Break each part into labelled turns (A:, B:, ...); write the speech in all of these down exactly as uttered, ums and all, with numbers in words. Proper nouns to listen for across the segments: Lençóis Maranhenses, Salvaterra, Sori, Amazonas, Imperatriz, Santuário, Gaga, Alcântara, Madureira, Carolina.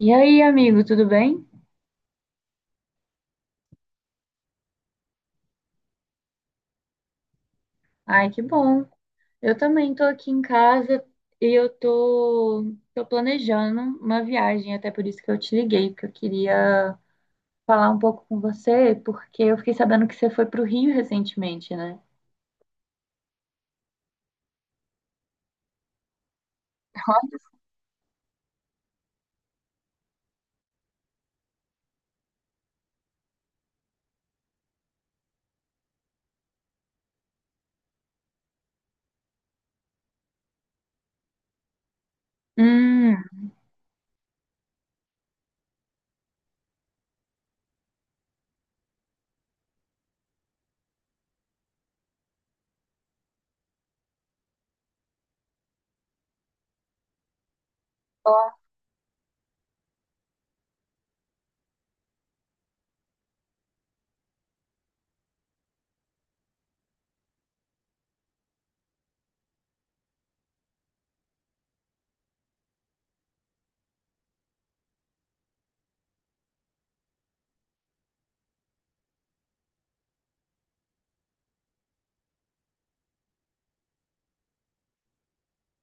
A: E aí, amigo, tudo bem? Ai, que bom. Eu também tô aqui em casa e eu tô, tô planejando uma viagem, até por isso que eu te liguei, porque eu queria falar um pouco com você, porque eu fiquei sabendo que você foi pro Rio recentemente, né? Hum,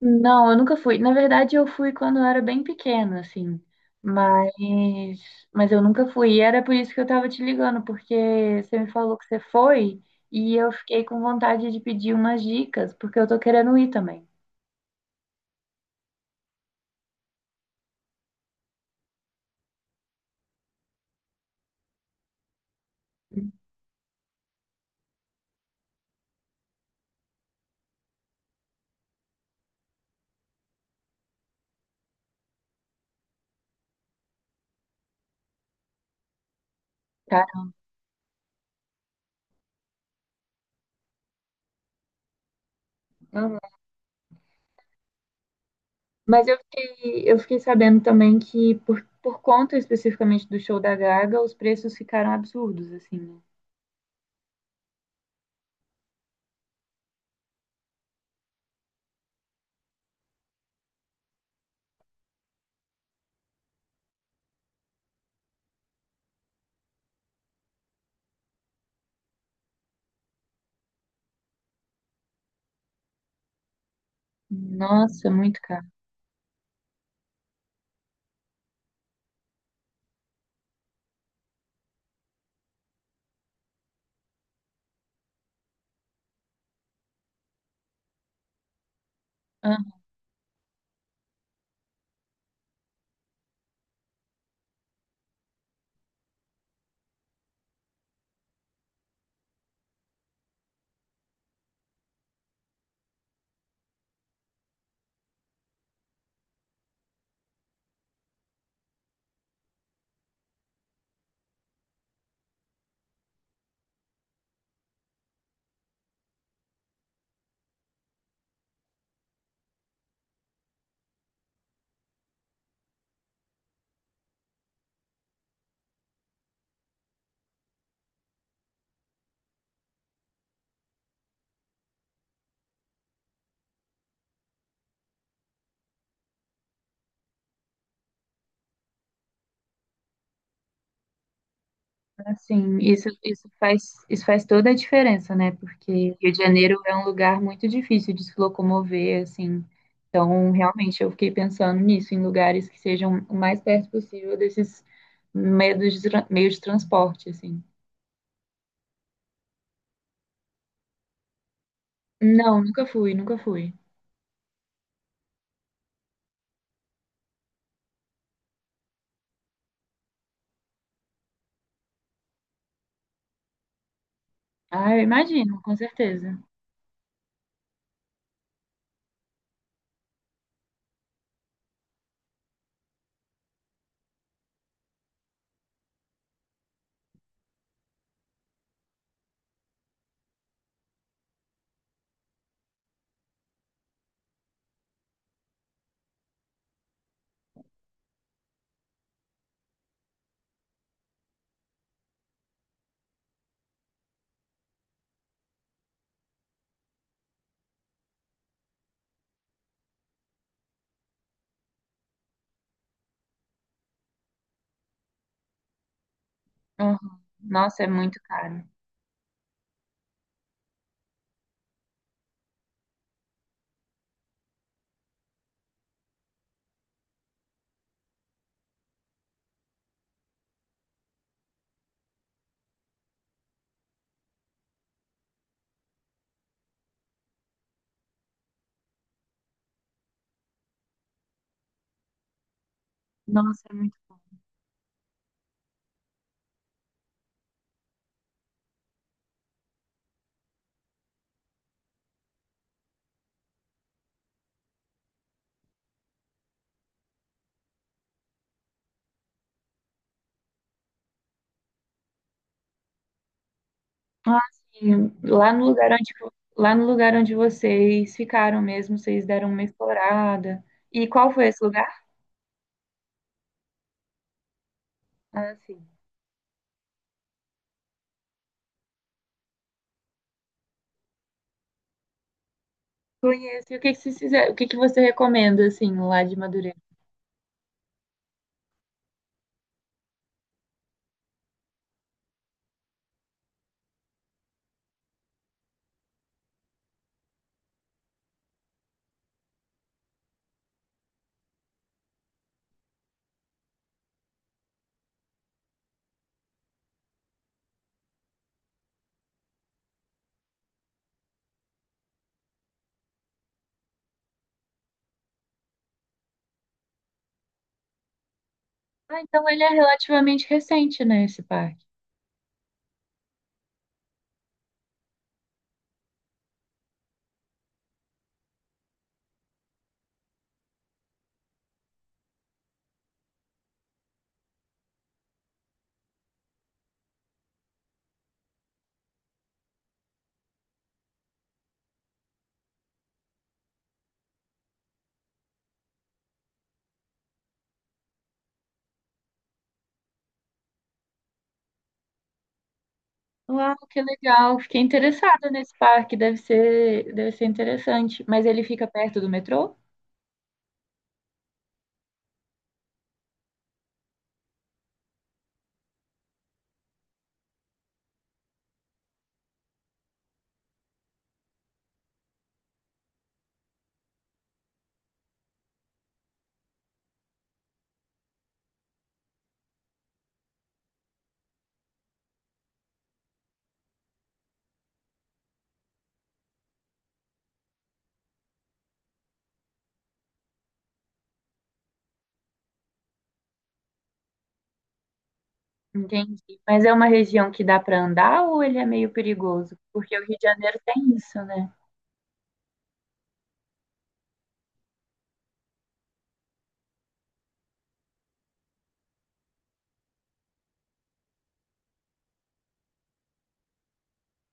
A: Não, eu nunca fui. Na verdade, eu fui quando eu era bem pequena, assim. Mas, mas eu nunca fui. E era por isso que eu tava te ligando, porque você me falou que você foi e eu fiquei com vontade de pedir umas dicas, porque eu tô querendo ir também, tá? Uhum. Mas eu fiquei, eu fiquei sabendo também que, por, por conta especificamente do show da Gaga, os preços ficaram absurdos, assim, né? Nossa, muito caro. Assim, isso, isso faz, isso faz toda a diferença, né? Porque Rio de Janeiro é um lugar muito difícil de se locomover, assim. Então, realmente, eu fiquei pensando nisso, em lugares que sejam o mais perto possível desses meios de, tra- meios de transporte, assim. Não, nunca fui, nunca fui. Ah, eu imagino, com certeza. Aham. Nossa, é muito caro. Nossa, é muito. Ah, sim. Lá no lugar onde, lá no lugar onde vocês ficaram mesmo, vocês deram uma explorada. E qual foi esse lugar? Ah, sim. Conheço. E o que que vocês fizeram? O que que você recomenda, assim, lá de Madureira? Ah, então ele é relativamente recente, né, esse parque. Uau, que legal. Fiquei interessada nesse parque. Deve ser, deve ser interessante. Mas ele fica perto do metrô? Entendi. Mas é uma região que dá para andar ou ele é meio perigoso? Porque o Rio de Janeiro tem isso, né?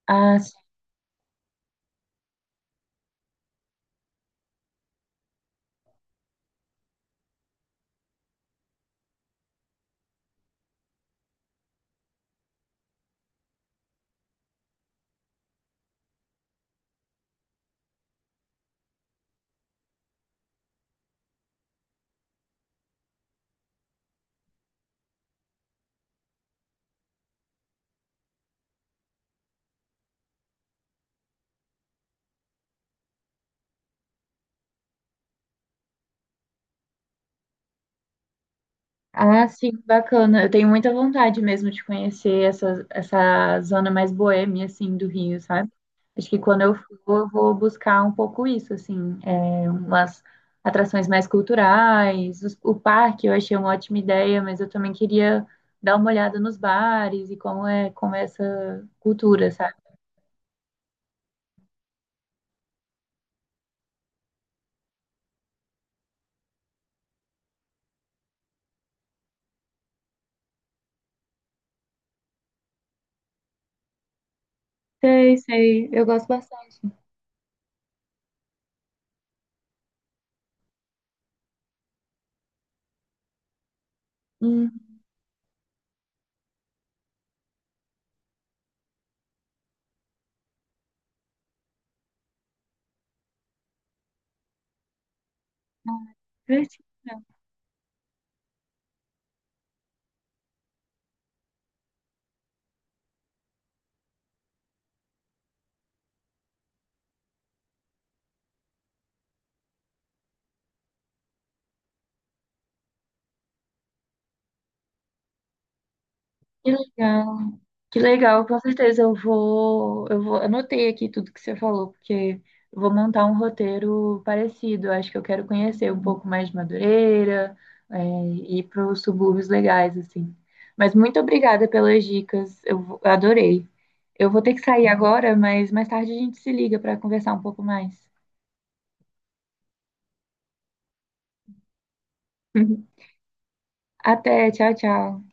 A: Ah. Ah, sim, bacana. Eu tenho muita vontade mesmo de conhecer essa, essa zona mais boêmia, assim, do Rio, sabe? Acho que quando eu for, eu vou buscar um pouco isso, assim, é, umas atrações mais culturais. Os- O parque eu achei uma ótima ideia, mas eu também queria dar uma olhada nos bares e como é, como é essa cultura, sabe? Sei, sei, eu gosto bastante. Hum, divertido. Que legal. Que legal, com certeza eu vou, eu vou, anotei aqui tudo que você falou, porque eu vou montar um roteiro parecido. Eu acho que eu quero conhecer um pouco mais de Madureira, é, e ir para os subúrbios legais, assim. Mas muito obrigada pelas dicas, eu vou- eu adorei. Eu vou ter que sair agora, mas mais tarde a gente se liga para conversar um pouco mais. Até, tchau, tchau.